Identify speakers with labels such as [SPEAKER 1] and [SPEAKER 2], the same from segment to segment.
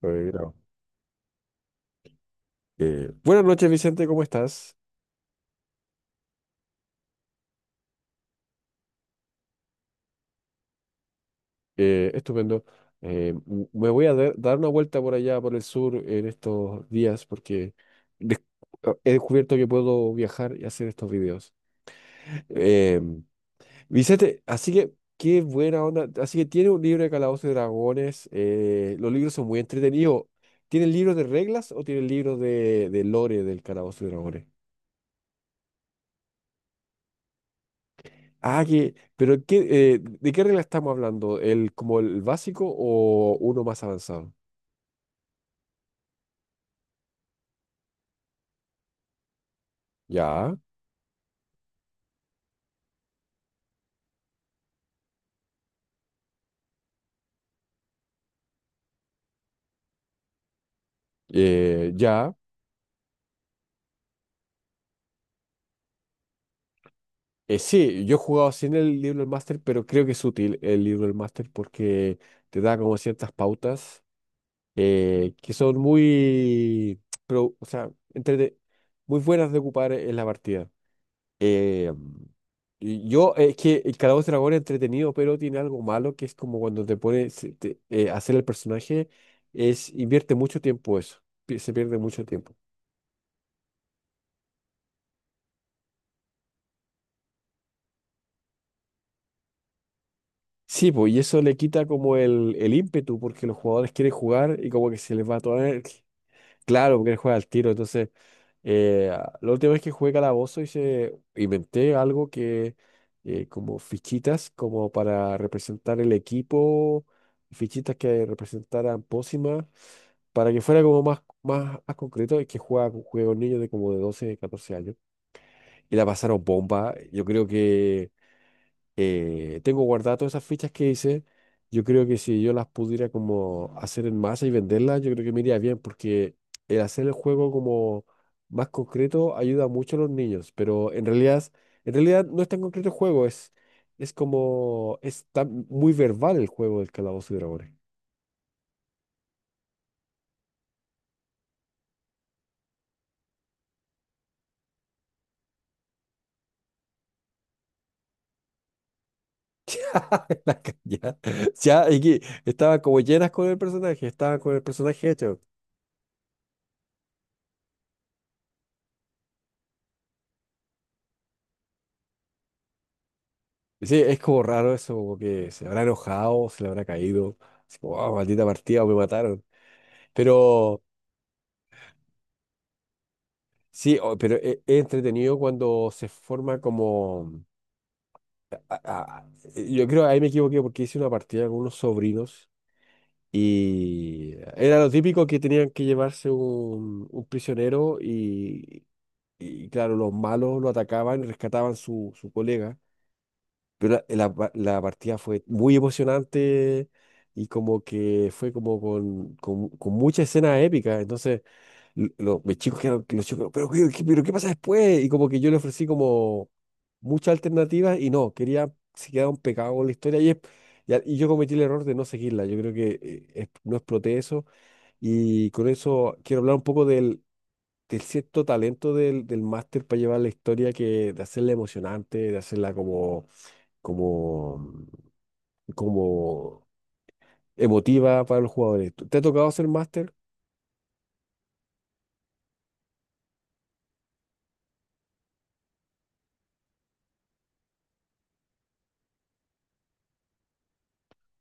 [SPEAKER 1] Pero mira, buenas noches, Vicente, ¿cómo estás? Estupendo. Me voy a dar una vuelta por allá, por el sur, en estos días, porque des- oh, he descubierto que puedo viajar y hacer estos videos. Eh, Vicente, así que, qué buena onda. Así que tiene un libro de Calabozos y Dragones. Los libros son muy entretenidos. ¿Tienen libros de reglas o tienen libros de lore del Calabozo y Dragones? Ah, que, pero qué, ¿de qué regla estamos hablando? ¿El como el básico o uno más avanzado? Ya, ya. Sí, yo he jugado sin el libro del máster, pero creo que es útil el libro del máster porque te da como ciertas pautas, que son muy, pero, o sea, muy buenas de ocupar en la partida. Eh, y yo, es que el Calabozo y Dragón es entretenido, pero tiene algo malo que es como cuando te pones a hacer el personaje, es invierte mucho tiempo eso, se pierde mucho tiempo. Sí, pues, y eso le quita como el ímpetu, porque los jugadores quieren jugar y como que se les va toda la energía. Claro, porque él juega al tiro. Entonces, eh, la última vez que jugué Calabozo hice, inventé algo que, como fichitas, como para representar el equipo, fichitas que representaran pócimas, para que fuera como más, más, más concreto, es que juega con juegos niños de como de 12 14 años. Y la pasaron bomba. Yo creo que tengo guardadas todas esas fichas que hice. Yo creo que si yo las pudiera como hacer en masa y venderlas, yo creo que me iría bien, porque el hacer el juego como más concreto ayuda mucho a los niños, pero en realidad, no es tan concreto el juego, es como, es tan muy verbal el juego del Calabozo y Dragones. Ya, y que estaba como llenas con el personaje, estaba con el personaje hecho. Sí, es como raro eso, como que se habrá enojado, se le habrá caído. Así como, "Ah, maldita partida, me mataron". Pero sí, es, entretenido cuando se forma como. a- a- yo creo, ahí me equivoqué porque hice una partida con unos sobrinos y era lo típico que tenían que llevarse un prisionero y, claro, los malos lo atacaban y rescataban su colega. Pero la partida fue muy emocionante y como que fue como con mucha escena épica. Entonces, mis chicos quedaron, los chicos, pero, ¿qué pasa después? Y como que yo le ofrecí como muchas alternativas y no, quería, se quedaron pegados con la historia y yo cometí el error de no seguirla. Yo creo que no exploté eso. Y con eso quiero hablar un poco del, cierto talento del máster para llevar la historia, que de hacerla emocionante, de hacerla como, como emotiva para los jugadores. ¿Te ha tocado hacer máster?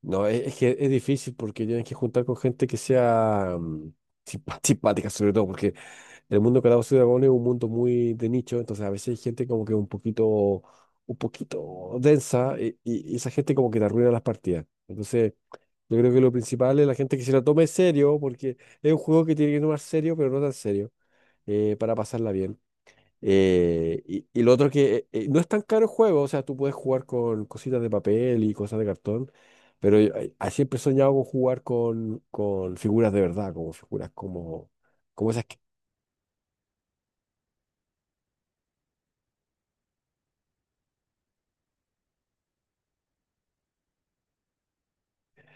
[SPEAKER 1] No, es que es difícil porque tienes que juntar con gente que sea simpática, sobre todo, porque el mundo de Calabozos y Dragones es un mundo muy de nicho, entonces a veces hay gente como que un poquito densa y esa gente como que te arruina las partidas. Entonces, yo creo que lo principal es la gente que se la tome serio, porque es un juego que tiene que tomar serio, pero no tan serio, para pasarla bien. Y lo otro que no es tan caro el juego, o sea, tú puedes jugar con cositas de papel y cosas de cartón, pero yo, siempre he soñado con jugar con figuras de verdad, como figuras como, como esas que...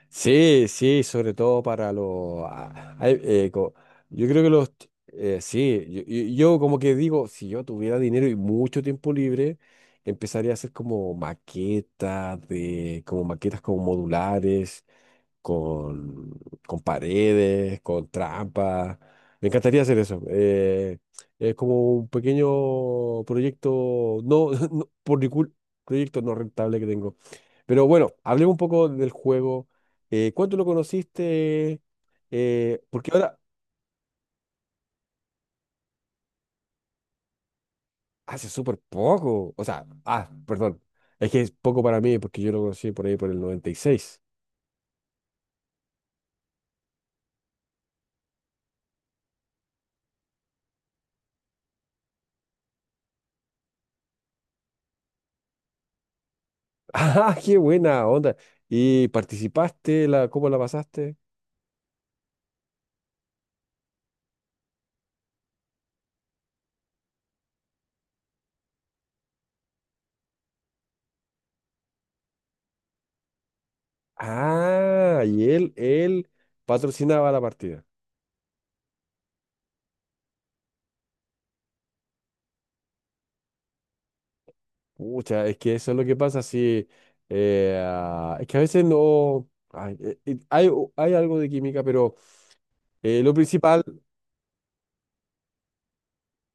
[SPEAKER 1] Sí, sí, sobre todo para los... yo creo que los... sí, yo, yo como que digo, si yo tuviera dinero y mucho tiempo libre, empezaría a hacer como maquetas como maquetas como modulares con, con paredes, con trampas. Me encantaría hacer eso. Es como un pequeño proyecto, no, no por mi proyecto no rentable que tengo. Pero bueno, hablemos un poco del juego. ¿Cuánto lo conociste? Porque ahora hace súper poco. O sea, ah, perdón. Es que es poco para mí porque yo lo conocí por ahí por el 96. ¡Ah, qué buena onda! ¿Y participaste? ¿Cómo la pasaste? Ah, y él patrocinaba la partida. Pucha, es que eso es lo que pasa. Si es que a veces no... ay, hay algo de química, pero lo principal...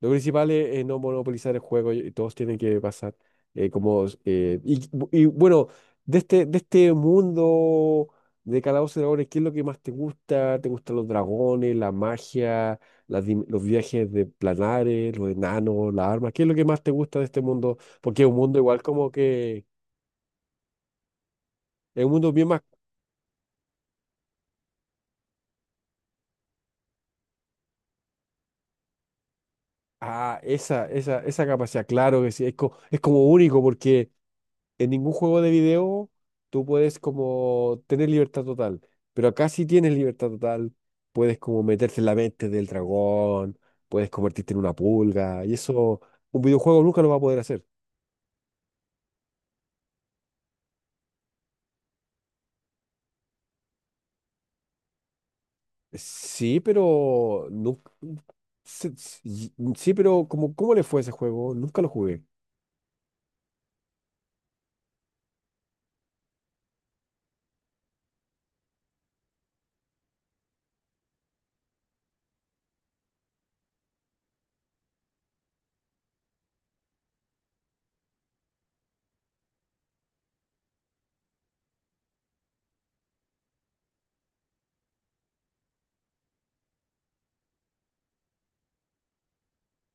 [SPEAKER 1] Lo principal es no monopolizar el juego y todos tienen que pasar como... Y bueno, de este mundo de Calabozos y Dragones, ¿qué es lo que más te gusta? ¿Te gustan los dragones, la magia, los viajes de planares, los enanos, las armas? ¿Qué es lo que más te gusta de este mundo? Porque es un mundo igual como que... Es un mundo bien más... Ah, esa capacidad, claro que sí, es, es como único porque... en ningún juego de video tú puedes como tener libertad total, pero acá sí tienes libertad total, puedes como meterte en la mente del dragón, puedes convertirte en una pulga, y eso un videojuego nunca lo va a poder hacer. Sí, pero nunca... Sí, sí, sí, pero como, ¿cómo le fue a ese juego? Nunca lo jugué.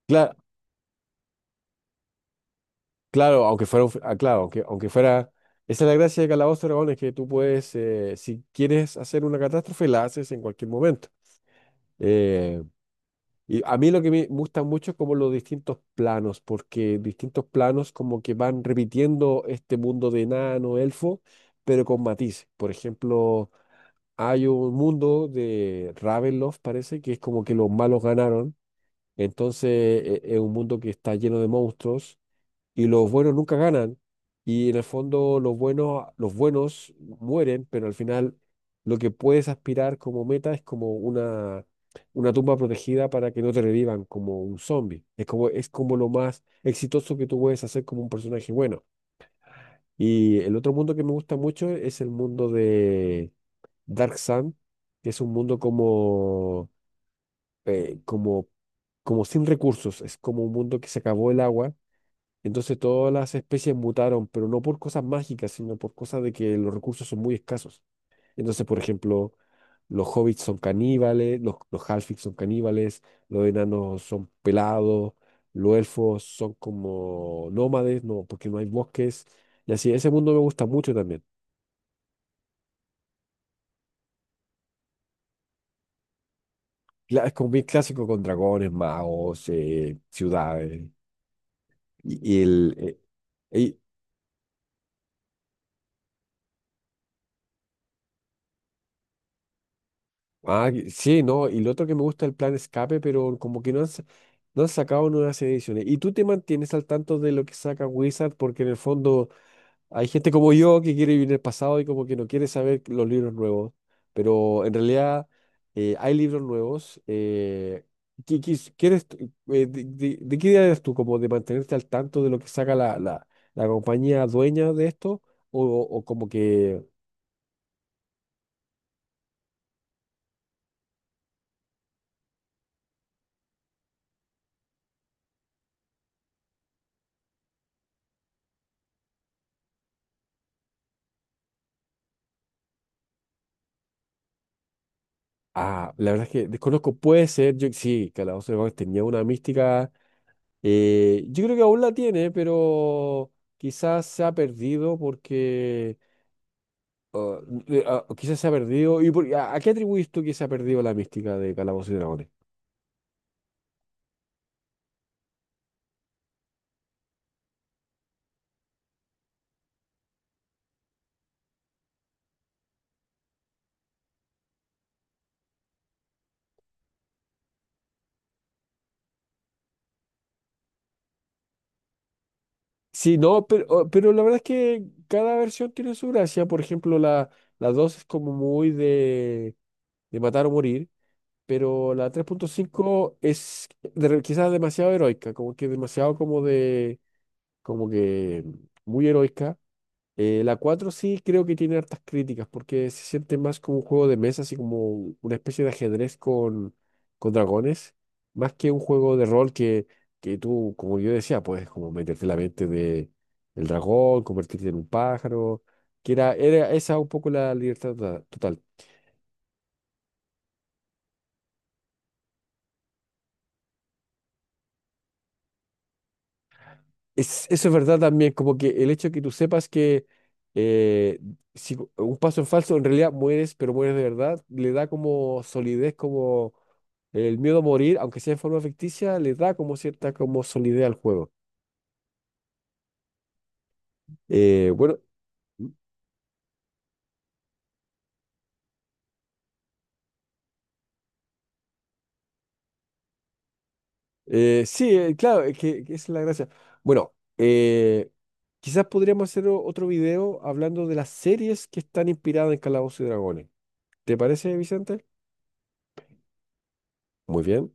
[SPEAKER 1] Claro, claro, aunque fuera, ah, claro, aunque fuera, esa es la gracia de Calabozos y Dragones, que tú puedes, si quieres hacer una catástrofe, la haces en cualquier momento. Eh, Y a mí lo que me gusta mucho es como los distintos planos, porque distintos planos como que van repitiendo este mundo de enano, elfo, pero con matices. Por ejemplo, hay un mundo de Ravenloft, parece, que es como que los malos ganaron. Entonces es un mundo que está lleno de monstruos y los buenos nunca ganan. Y en el fondo los buenos, mueren, pero al final lo que puedes aspirar como meta es como una tumba protegida para que no te revivan como un zombie. Es como lo más exitoso que tú puedes hacer como un personaje bueno. Y el otro mundo que me gusta mucho es el mundo de Dark Sun, que es un mundo como, eh, como, sin recursos. Es como un mundo que se acabó el agua entonces todas las especies mutaron, pero no por cosas mágicas, sino por cosas de que los recursos son muy escasos. Entonces, por ejemplo, los hobbits son caníbales, los halflings son caníbales, los enanos son pelados, los elfos son como nómades, no, porque no hay bosques. Y así, ese mundo me gusta mucho también. Es como bien clásico con dragones, magos, ciudades. Y el, eh, ah, sí, no, y lo otro que me gusta es el plan escape, pero como que no han, no han sacado nuevas ediciones. ¿Y tú te mantienes al tanto de lo que saca Wizard? Porque en el fondo hay gente como yo que quiere vivir el pasado y como que no quiere saber los libros nuevos. Pero en realidad hay libros nuevos. ¿Qué- qué quieres tú- de- ¿De qué idea eres tú? ¿Como de mantenerte al tanto de lo que saca la compañía dueña de esto? ¿O como que... Ah, la verdad es que desconozco, puede ser, yo sí, Calabozo de Dragones tenía una mística, yo creo que aún la tiene, pero quizás se ha perdido porque, ah, quizás se ha perdido. ¿A qué atribuís tú que se ha perdido la mística de Calabozo y Dragones? Sí, no, pero, oh, pero la verdad es que cada versión tiene su gracia, por ejemplo, la, 2 es como muy de matar o morir, pero la 3.5 es de- quizás demasiado heroica, como que demasiado como de como que muy heroica. La 4 sí creo que tiene hartas críticas porque se siente más como un juego de mesa, así como una especie de ajedrez con dragones, más que un juego de rol que tú, como yo decía, puedes como meterte en la mente del dragón, convertirte en un pájaro, que era esa un poco la libertad total. Eso es verdad también, como que el hecho de que tú sepas que eh, si un paso en falso, en realidad mueres, pero mueres de verdad, le da como solidez, como el miedo a morir, aunque sea en forma ficticia, le da como cierta como solidez al juego. Bueno, mm. Sí, claro, es que, esa es la gracia. Bueno, quizás podríamos hacer otro video hablando de las series que están inspiradas en Calabozos y Dragones. ¿Te parece, Vicente? Muy bien.